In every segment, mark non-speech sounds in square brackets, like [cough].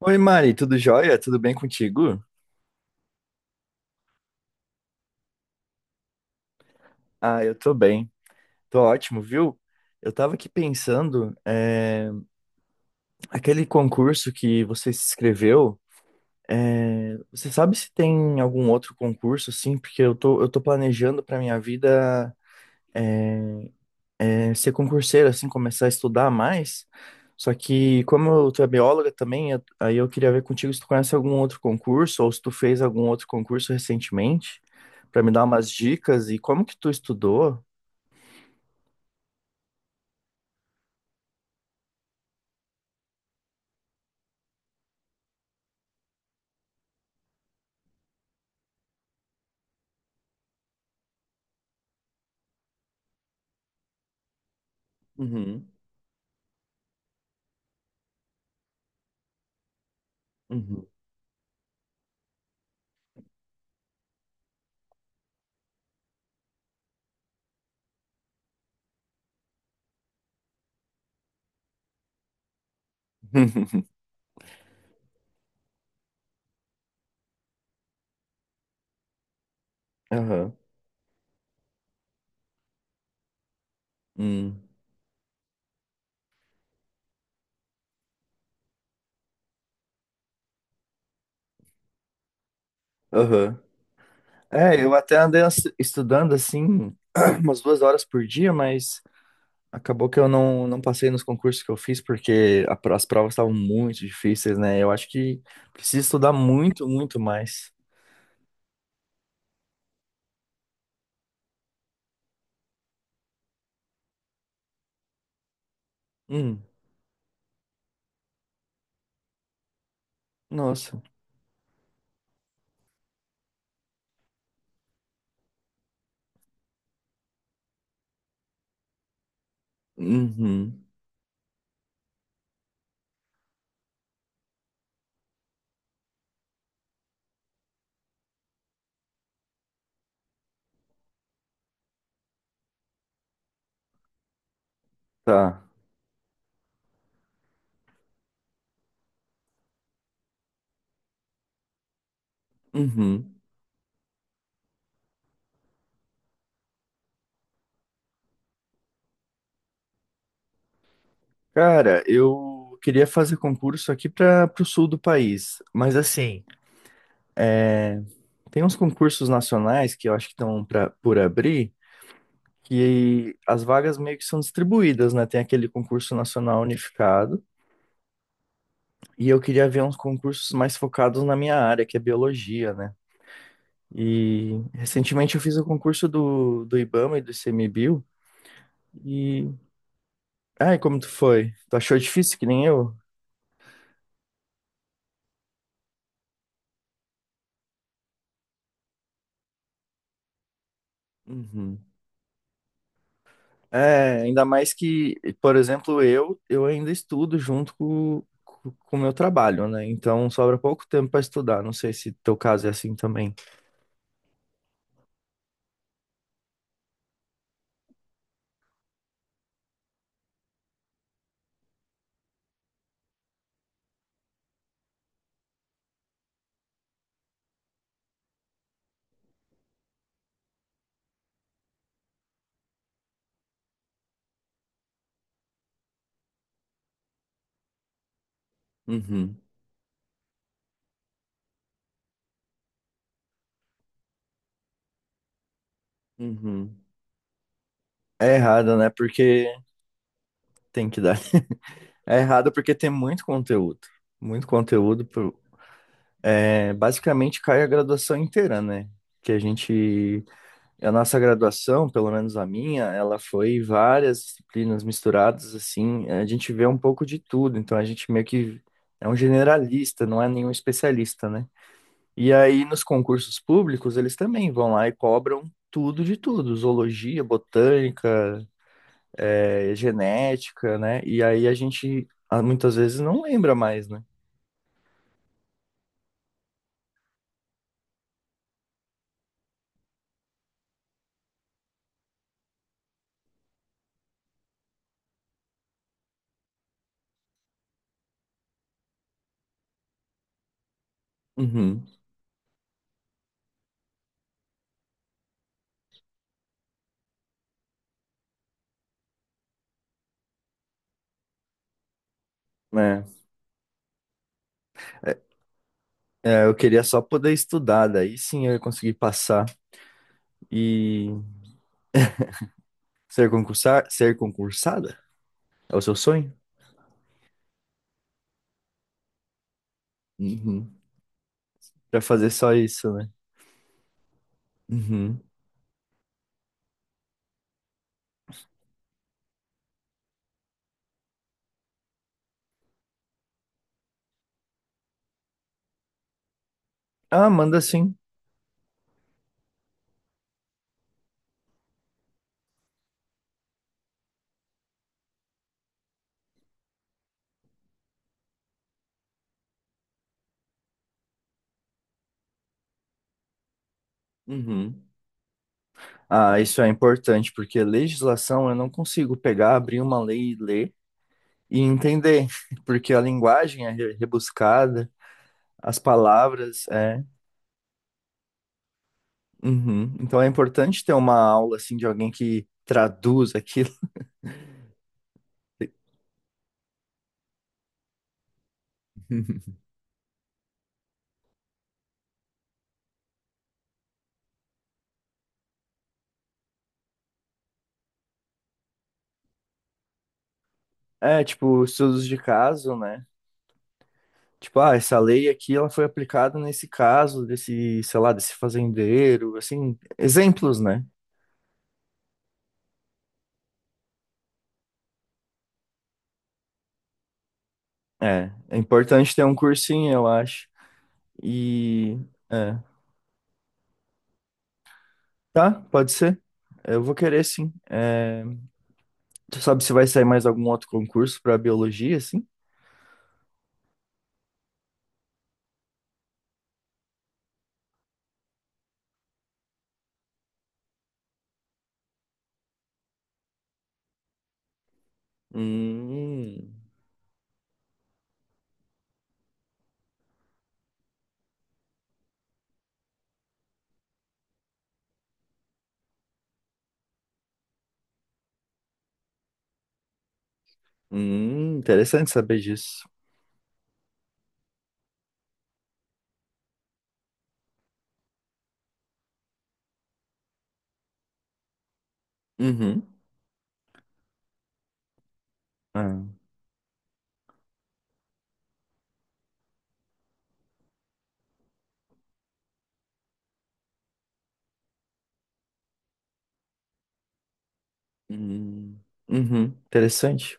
Oi, Mari, tudo jóia? Tudo bem contigo? Ah, eu tô bem. Tô ótimo, viu? Eu tava aqui pensando, aquele concurso que você se inscreveu, você sabe se tem algum outro concurso, assim? Porque eu tô planejando pra minha vida, ser concurseiro, assim, começar a estudar mais. Só que, como eu, tu é bióloga também, aí eu queria ver contigo se tu conhece algum outro concurso ou se tu fez algum outro concurso recentemente, pra me dar umas dicas e como que tu estudou. Uhum. [laughs] Aham. Hum. Aham. É, eu até andei estudando assim [clears throat] umas 2 horas por dia, mas acabou que eu não passei nos concursos que eu fiz porque as provas estavam muito difíceis, né? Eu acho que preciso estudar muito, muito mais. Hum, nossa. Uhum. Tá. Uhum. Cara, eu queria fazer concurso aqui para o sul do país, mas assim, tem uns concursos nacionais que eu acho que estão por abrir. Que as vagas meio que são distribuídas, né? Tem aquele concurso nacional unificado, e eu queria ver uns concursos mais focados na minha área, que é biologia, né? E recentemente eu fiz o concurso do IBAMA e do ICMBio, e... Ai, como tu foi? Tu achou difícil que nem eu? Uhum. É, ainda mais que, por exemplo, eu ainda estudo junto com o meu trabalho, né? Então sobra pouco tempo para estudar. Não sei se teu caso é assim também. Uhum, uhum. É errado, né? Porque tem que dar. [laughs] É errado porque tem muito conteúdo. Muito conteúdo. É, basicamente cai a graduação inteira, né? Que a gente. A nossa graduação, pelo menos a minha, ela foi várias disciplinas misturadas, assim. A gente vê um pouco de tudo. Então a gente meio que é um generalista, não é nenhum especialista, né? E aí nos concursos públicos, eles também vão lá e cobram tudo de tudo: zoologia, botânica, genética, né? E aí a gente, muitas vezes não lembra mais, né? Uhum. É. É, eu queria só poder estudar, daí sim eu ia conseguir passar e ser concursada? É o seu sonho? Uhum. Pra fazer só isso, né? Uhum. Ah, manda sim. Uhum. Ah, isso é importante, porque legislação eu não consigo pegar, abrir uma lei e ler e entender, [laughs] porque a linguagem é rebuscada, as palavras, é. Uhum. Então é importante ter uma aula assim de alguém que traduz aquilo. [laughs] É, tipo, estudos de caso, né? Tipo, ah, essa lei aqui ela foi aplicada nesse caso desse, sei lá, desse fazendeiro, assim, exemplos, né? É, é importante ter um cursinho, eu acho. E é, tá, pode ser. Eu vou querer sim. É, tu sabe se vai sair mais algum outro concurso para biologia, assim? Hum, interessante saber disso. Uhum. Ah, hum, uhum, interessante.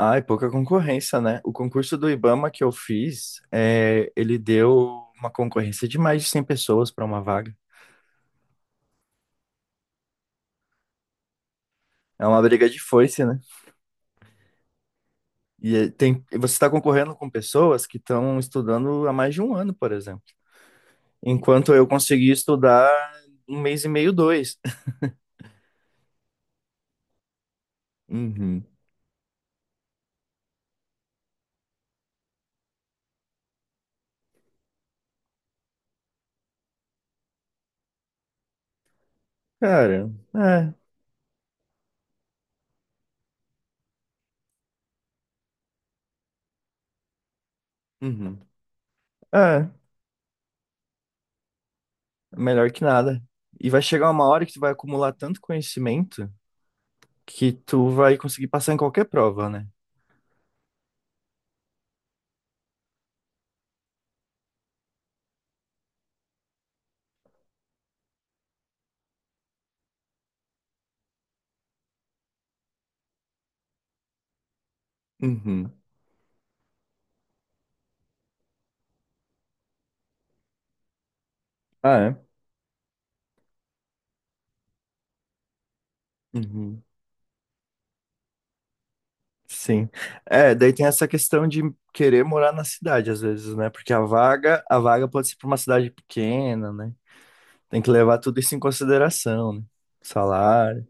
Ah, e pouca concorrência, né? O concurso do IBAMA que eu fiz, é, ele deu uma concorrência de mais de 100 pessoas para uma vaga. É uma briga de foice, né? E é, tem, e você está concorrendo com pessoas que estão estudando há mais de um ano, por exemplo. Enquanto eu consegui estudar um mês e meio, dois. Uhum. Cara, é. Uhum. É, melhor que nada. E vai chegar uma hora que tu vai acumular tanto conhecimento que tu vai conseguir passar em qualquer prova, né? Uhum. Ah, é? Uhum. Sim. É, daí tem essa questão de querer morar na cidade, às vezes, né? Porque a vaga pode ser para uma cidade pequena, né? Tem que levar tudo isso em consideração, né? Salário.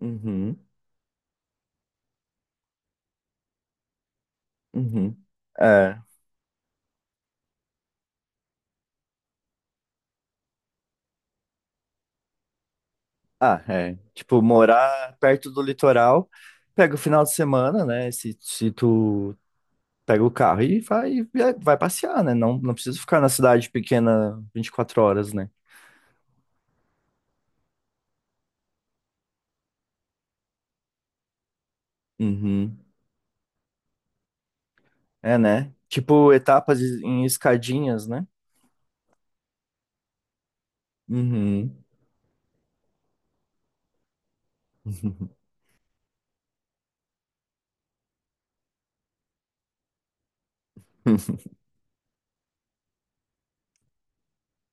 Uhum. Uhum. É. Ah, é. Tipo, morar perto do litoral, pega o final de semana, né? Se tu pega o carro e vai, vai passear, né? Não precisa ficar na cidade pequena 24 horas, né? Uhum. É, né? Tipo etapas em escadinhas, né? Uhum. [laughs]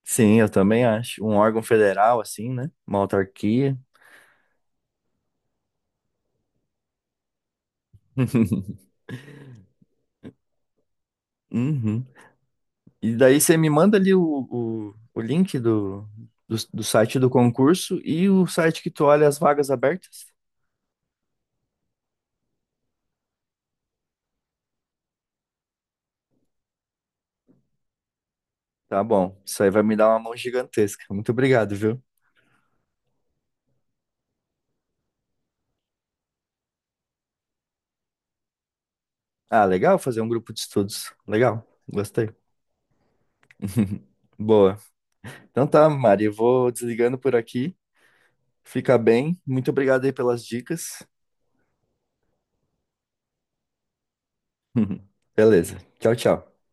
Sim, eu também acho. Um órgão federal, assim, né? Uma autarquia. [laughs] Uhum. E daí você me manda ali o link do site do concurso e o site que tu olha as vagas abertas? Tá bom. Isso aí vai me dar uma mão gigantesca. Muito obrigado, viu? Ah, legal fazer um grupo de estudos. Legal. Gostei. [laughs] Boa. Então tá, Mari, eu vou desligando por aqui. Fica bem. Muito obrigado aí pelas dicas. [laughs] Beleza. Tchau, tchau.